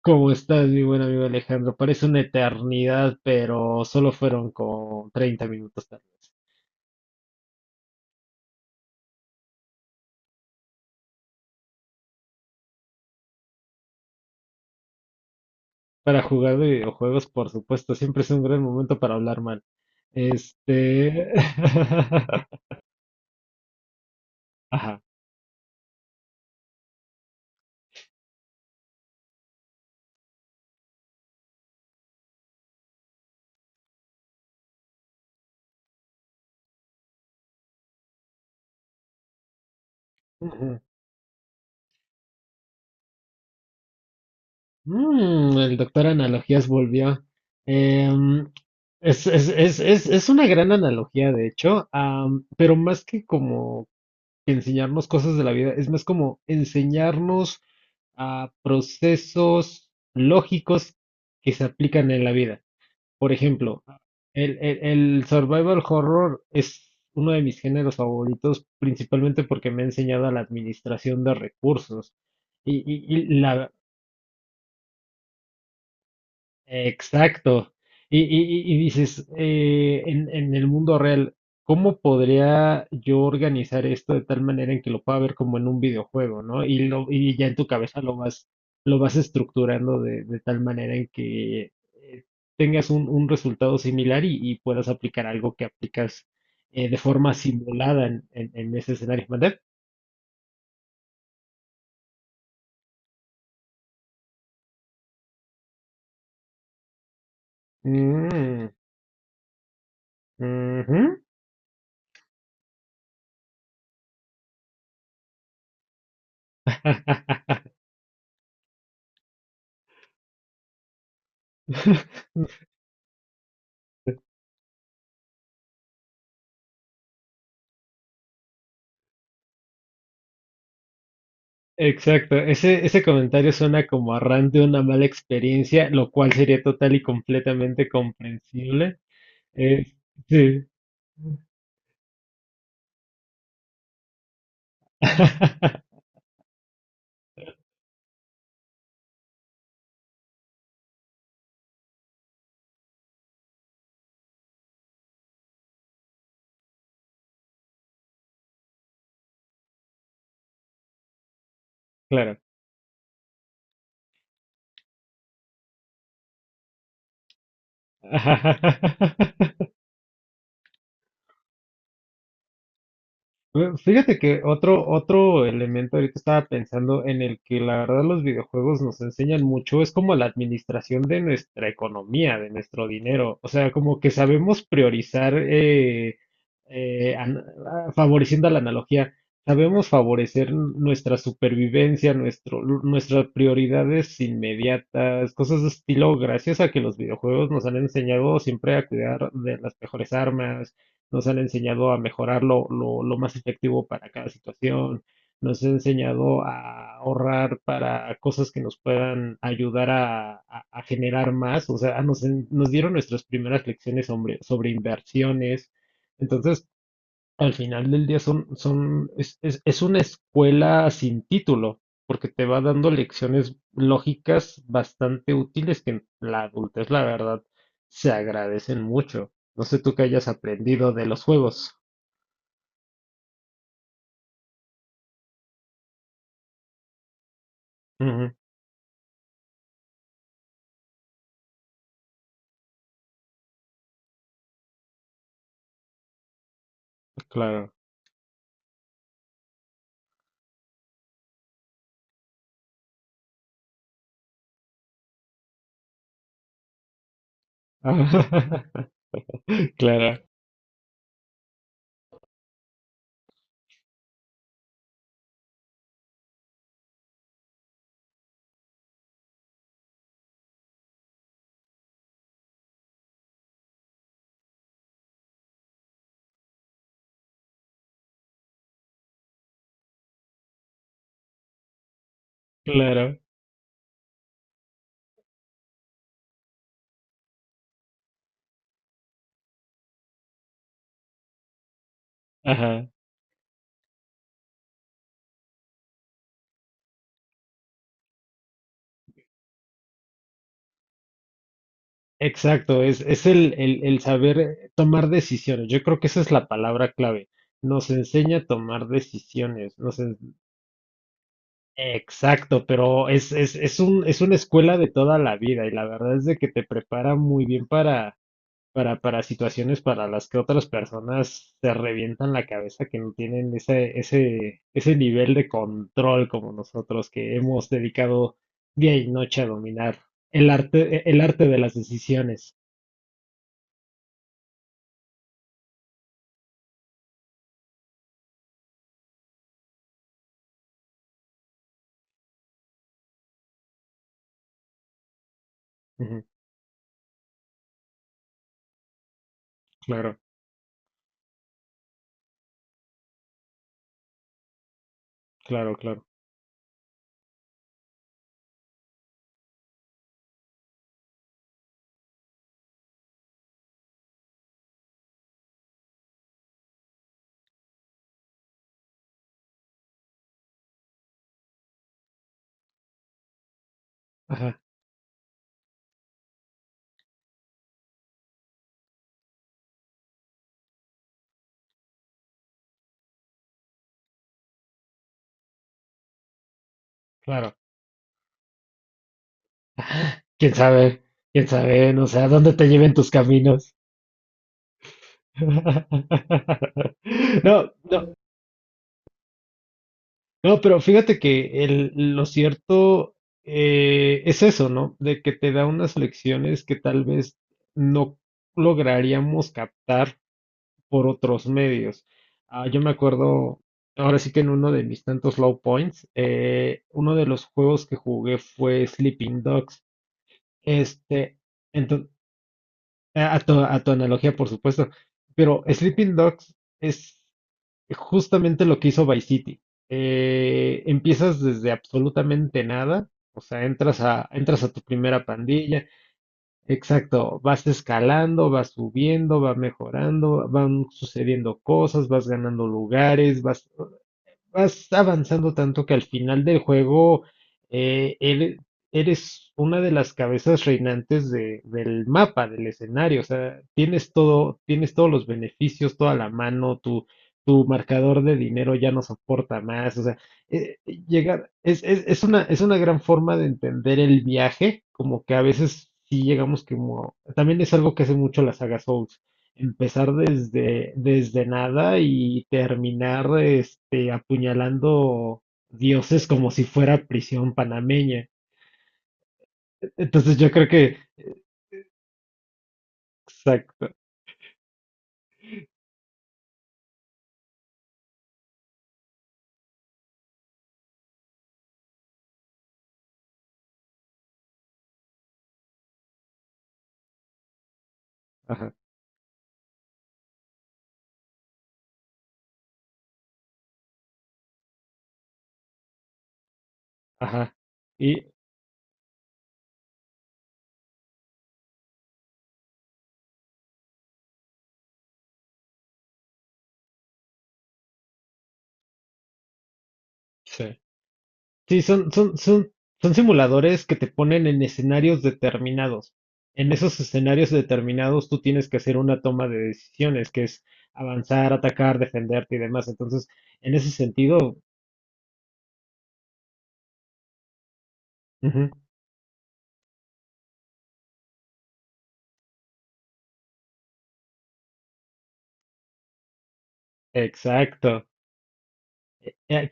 ¿Cómo estás, mi buen amigo Alejandro? Parece una eternidad, pero solo fueron como 30 minutos tal vez. Para jugar de videojuegos, por supuesto, siempre es un gran momento para hablar mal. Este... Ajá. Ujú. Mm, el doctor Analogías volvió. Em, es una gran analogía, de hecho, pero más que como enseñarnos cosas de la vida, es más como enseñarnos a procesos lógicos que se aplican en la vida. Por ejemplo, el, el- el survival horror es uno de mis géneros favoritos, principalmente porque me ha enseñado a la administración de recursos. Y, y- y la, Exacto. Y dices, en el mundo real, ¿cómo podría yo organizar esto de tal manera en que lo pueda ver como en un videojuego, ¿no? Y, y ya en tu cabeza lo vas estructurando de tal manera en que tengas un resultado similar y puedas aplicar algo que aplicas de forma simulada en ese escenario. ¿Mande? Mm, ujú. Exacto, ese comentario suena como a de una mala experiencia, lo cual sería total y completamente comprensible. Eh, sí. Claro. Fíjate que otro elemento ahorita estaba pensando en el que la verdad los videojuegos nos enseñan mucho, es como la administración de nuestra economía, de nuestro dinero. O sea, como que sabemos priorizar, eh, an- favoreciendo la analogía, sabemos favorecer nuestra supervivencia, nuestras prioridades inmediatas, cosas de estilo, gracias a que los videojuegos nos han enseñado siempre a cuidar de las mejores armas, nos han enseñado a mejorar lo más efectivo para cada situación, nos han enseñado a ahorrar para cosas que nos puedan ayudar a, a generar más. O sea, nos dieron nuestras primeras lecciones sobre, sobre inversiones. Entonces, al final del día es una escuela sin título, porque te va dando lecciones lógicas bastante útiles que en la adultez, la verdad, se agradecen mucho. No sé tú qué hayas aprendido de los juegos. Ujú, claro. Claro, claro. Ajá. Exacto, el saber tomar decisiones. Yo creo que esa es la palabra clave. Nos enseña a tomar decisiones. Nos... Exacto, pero es una escuela de toda la vida y la verdad es de que te prepara muy bien para situaciones para las que otras personas se revientan la cabeza, que no tienen ese nivel de control como nosotros, que hemos dedicado día y noche a dominar el arte de las decisiones. Ujú, claro, claro, claro. Ajá, claro. Quién sabe, quién sabe, no sé a dónde te lleven tus caminos. No, no, no, pero fíjate que el- lo cierto es eso, ¿no? De que te da unas lecciones que tal vez no lograríamos captar por otros medios. Ah, yo me acuerdo, ahora sí que en uno de mis tantos low points, uno de los juegos que jugué fue Sleeping Dogs. Este, entonces, a tu analogía, por supuesto, pero Sleeping Dogs. Justamente lo que hizo Vice City. Empiezas desde absolutamente nada, o sea, entras a tu primera pandilla, exacto, vas escalando, vas subiendo, vas mejorando, van sucediendo cosas, vas ganando lugares, vas, vas avanzando tanto que al final del juego eh, ere- eres una de las cabezas reinantes del mapa, del escenario. O sea, tienes todo, tienes todos los beneficios, toda la mano, tu marcador de dinero ya no soporta más. O sea, eh, es, es una gran forma de entender el viaje, como que a veces sí llegamos como, también es algo que hace mucho la saga Souls. Empezar desde, desde nada y terminar este, apuñalando dioses como si fuera prisión panameña. Entonces yo creo que, exacto, ajá, ajá. Y sí. Sí, son simuladores que te ponen en escenarios determinados. En esos escenarios determinados tú tienes que hacer una toma de decisiones, que es avanzar, atacar, defenderte y demás. Entonces, en ese sentido, ujú, exacto. Eh,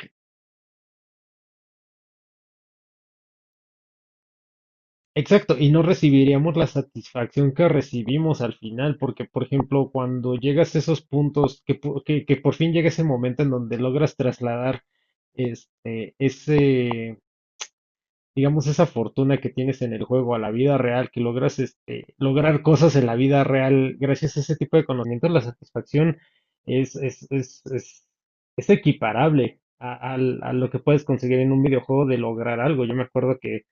exacto, y no recibiríamos la satisfacción que recibimos al final, porque, por ejemplo, cuando llegas a esos puntos, que, que por fin llega ese momento en donde logras trasladar este, ese, digamos, esa fortuna que tienes en el juego a la vida real, que logras este, lograr cosas en la vida real gracias a ese tipo de conocimientos, la satisfacción es, es, es, es, es equiparable a, a lo que puedes conseguir en un videojuego de lograr algo. Yo me acuerdo que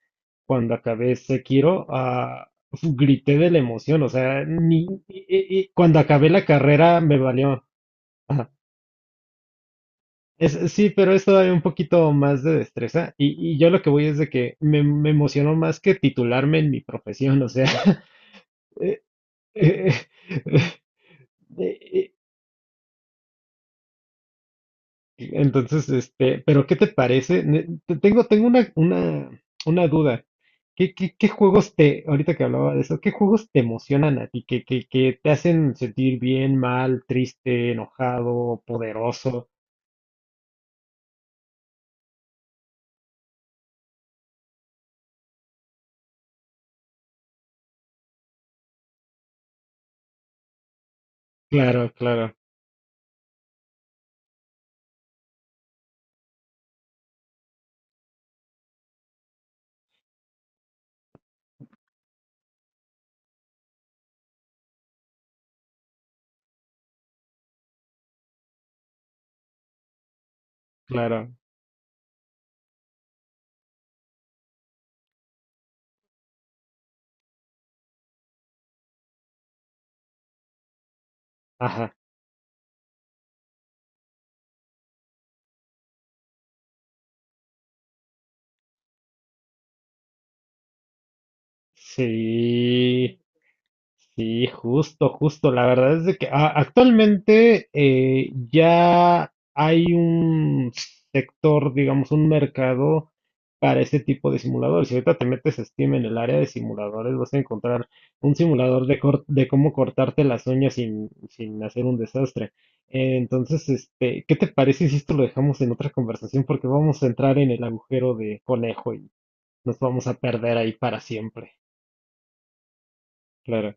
cuando acabé Sekiro, ah, grité de la emoción, o sea, ni, y cuando acabé la carrera me valió. Ajá. Es, sí, pero es todavía un poquito más de destreza y yo lo que voy es de que me emocionó más que titularme en mi profesión, o sea, eh, eh, eh, eh, entonces, este, pero ¿qué te parece? Tengo, una duda. ¿Qué, qué, qué juegos te, ahorita que hablaba de eso, qué juegos te emocionan a ti? ¿Qué, qué, qué te hacen sentir bien, mal, triste, enojado, poderoso? Claro, claro, claro. Ajá. Sí. Sí, justo, justo. La verdad es de que actualmente ya hay un sector, digamos, un mercado para este tipo de simuladores. Si ahorita te metes a Steam en el área de simuladores, vas a encontrar un simulador de, de cómo cortarte las uñas sin, sin hacer un desastre. Entonces, este, ¿qué te parece si esto lo dejamos en otra conversación? Porque vamos a entrar en el agujero de conejo y nos vamos a perder ahí para siempre. Claro.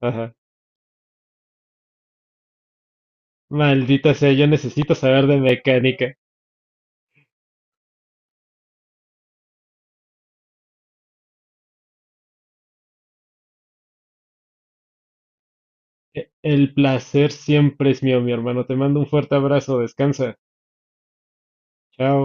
Ajá. Maldita sea, yo necesito saber de mecánica. El placer siempre es mío, mi hermano. Te mando un fuerte abrazo. Descansa. Chao.